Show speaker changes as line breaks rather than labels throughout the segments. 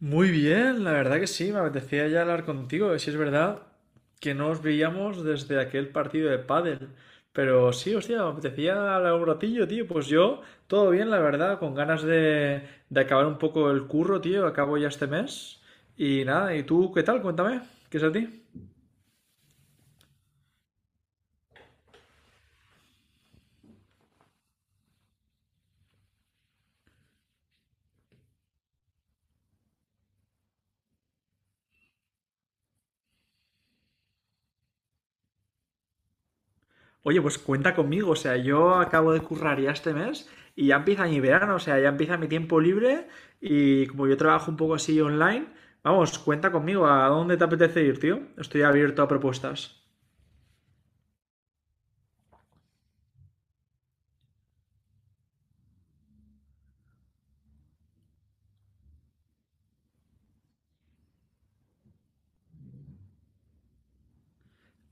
Muy bien, la verdad que sí, me apetecía ya hablar contigo. Si es verdad que no os veíamos desde aquel partido de pádel, pero sí, hostia, me apetecía hablar un ratillo, tío. Pues yo, todo bien, la verdad, con ganas de acabar un poco el curro, tío. Acabo ya este mes. Y nada, ¿y tú qué tal? Cuéntame, ¿qué es a ti? Oye, pues cuenta conmigo, o sea, yo acabo de currar ya este mes y ya empieza mi verano, o sea, ya empieza mi tiempo libre y como yo trabajo un poco así online, vamos, cuenta conmigo, ¿a dónde te apetece ir, tío? Estoy abierto a propuestas.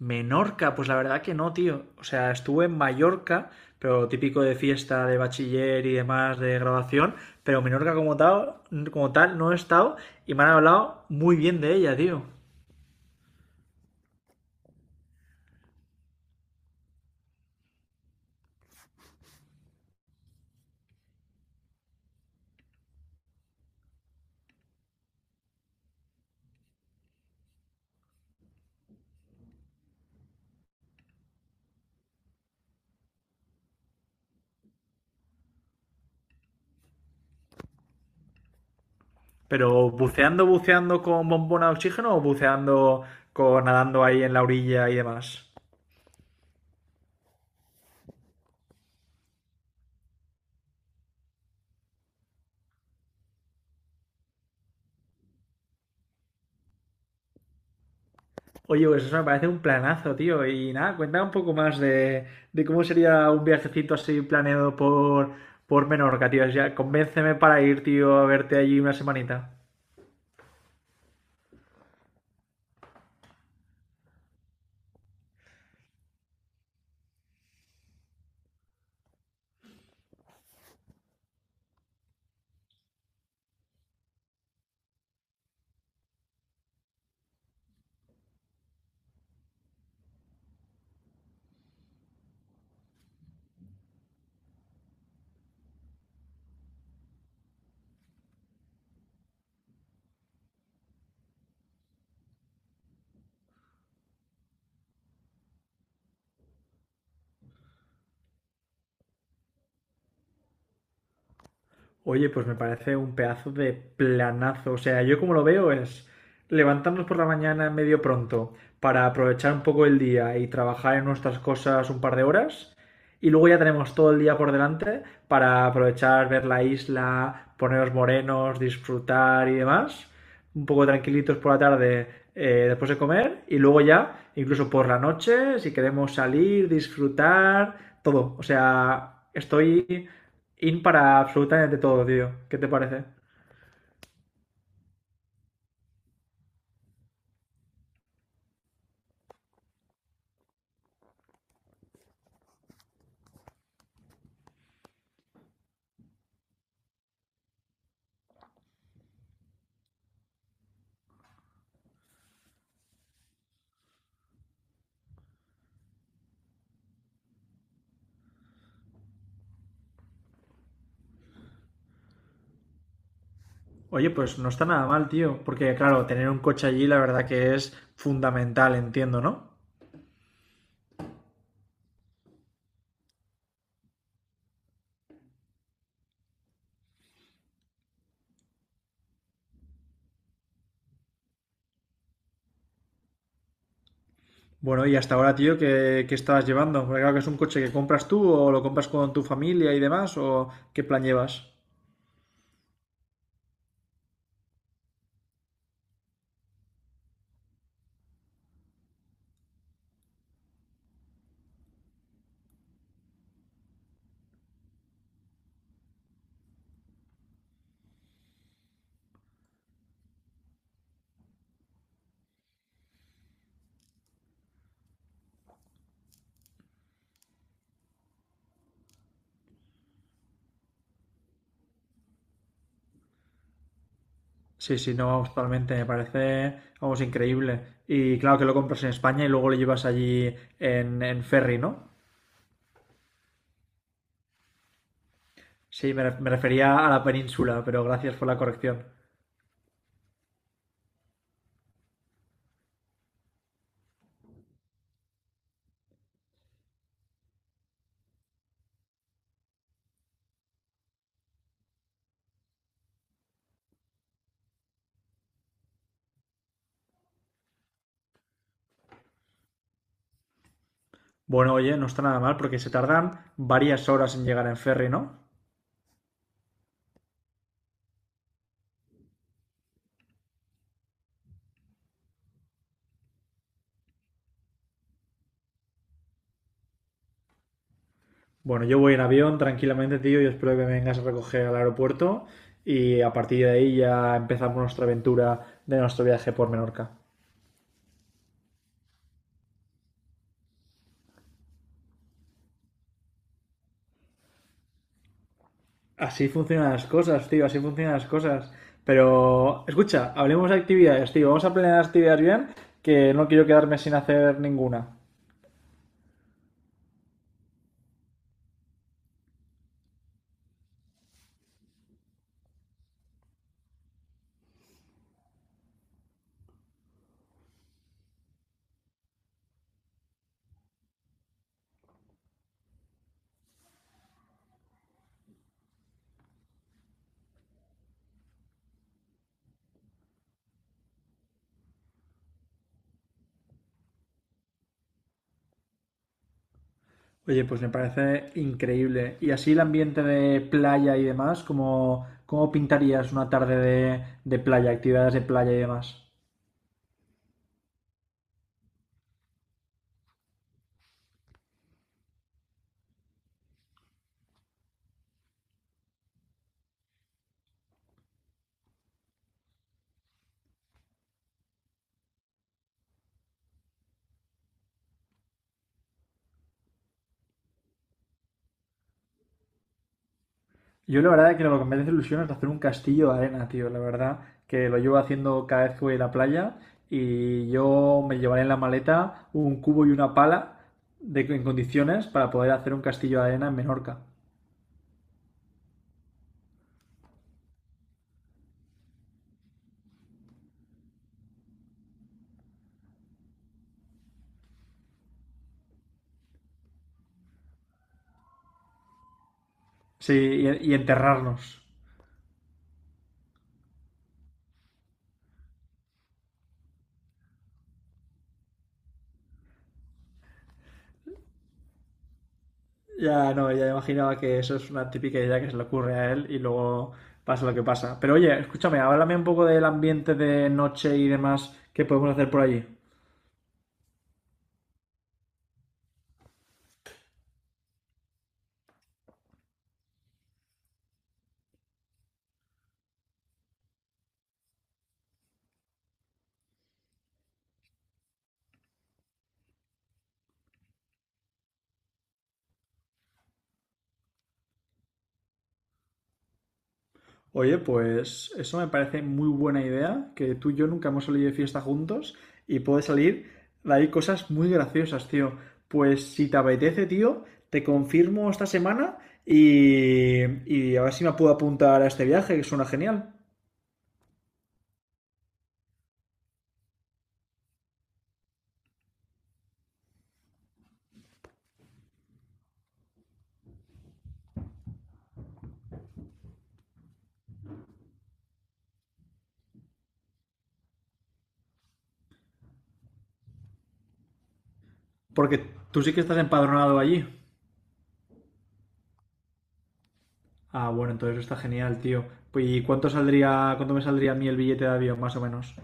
Menorca, pues la verdad que no, tío. O sea, estuve en Mallorca, pero típico de fiesta, de bachiller y demás, de graduación, pero Menorca como tal no he estado y me han hablado muy bien de ella, tío. Pero buceando, buceando con bombona de oxígeno o buceando con nadando ahí en la orilla y demás. Oye, pues eso me parece un planazo, tío. Y nada, cuéntame un poco más de cómo sería un viajecito así planeado por Menorca, tío. Ya, convénceme para ir, tío, a verte allí una semanita. Oye, pues me parece un pedazo de planazo. O sea, yo como lo veo es levantarnos por la mañana medio pronto para aprovechar un poco el día y trabajar en nuestras cosas un par de horas. Y luego ya tenemos todo el día por delante para aprovechar, ver la isla, ponernos morenos, disfrutar y demás. Un poco tranquilitos por la tarde después de comer. Y luego ya, incluso por la noche, si queremos salir, disfrutar, todo. O sea, estoy in para absolutamente todo, tío. ¿Qué te parece? Oye, pues no está nada mal, tío. Porque, claro, tener un coche allí, la verdad que es fundamental, entiendo, ¿no? Bueno, y hasta ahora, tío, ¿qué, qué estabas llevando? Porque claro que es un coche que compras tú o lo compras con tu familia y demás, o qué plan llevas. Sí, sí, no, vamos, totalmente, me parece, vamos, increíble. Y claro que lo compras en España y luego lo llevas allí en ferry, ¿no? Sí, me, me refería a la península, pero gracias por la corrección. Bueno, oye, no está nada mal porque se tardan varias horas en llegar en ferry, ¿no? Bueno, yo voy en avión tranquilamente, tío, y espero que me vengas a recoger al aeropuerto y a partir de ahí ya empezamos nuestra aventura de nuestro viaje por Menorca. Así funcionan las cosas, tío, así funcionan las cosas. Pero, escucha, hablemos de actividades, tío. Vamos a planear actividades bien, que no quiero quedarme sin hacer ninguna. Oye, pues me parece increíble. Y así el ambiente de playa y demás, ¿cómo, cómo pintarías una tarde de playa, actividades de playa y demás? Yo la verdad que lo que me hace ilusión es hacer un castillo de arena, tío. La verdad que lo llevo haciendo cada vez que voy a la playa y yo me llevaré en la maleta un cubo y una pala de, en condiciones para poder hacer un castillo de arena en Menorca. Sí, y enterrarnos. Ya, no, ya imaginaba que eso es una típica idea que se le ocurre a él y luego pasa lo que pasa. Pero oye, escúchame, háblame un poco del ambiente de noche y demás que podemos hacer por allí. Oye, pues eso me parece muy buena idea, que tú y yo nunca hemos salido de fiesta juntos y puede salir de ahí cosas muy graciosas, tío. Pues si te apetece, tío, te confirmo esta semana y a ver si me puedo apuntar a este viaje, que suena genial. Porque tú sí que estás empadronado allí. Ah, bueno, entonces está genial, tío. Pues, ¿y cuánto saldría, cuánto me saldría a mí el billete de avión, más o menos?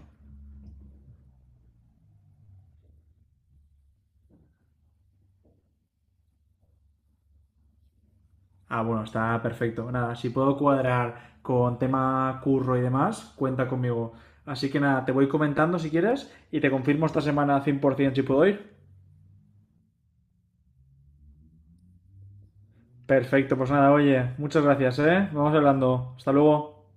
Ah, bueno, está perfecto. Nada, si puedo cuadrar con tema curro y demás, cuenta conmigo. Así que nada, te voy comentando si quieres y te confirmo esta semana 100% si puedo ir. Perfecto, pues nada, oye, muchas gracias, ¿eh? Vamos hablando. Hasta luego.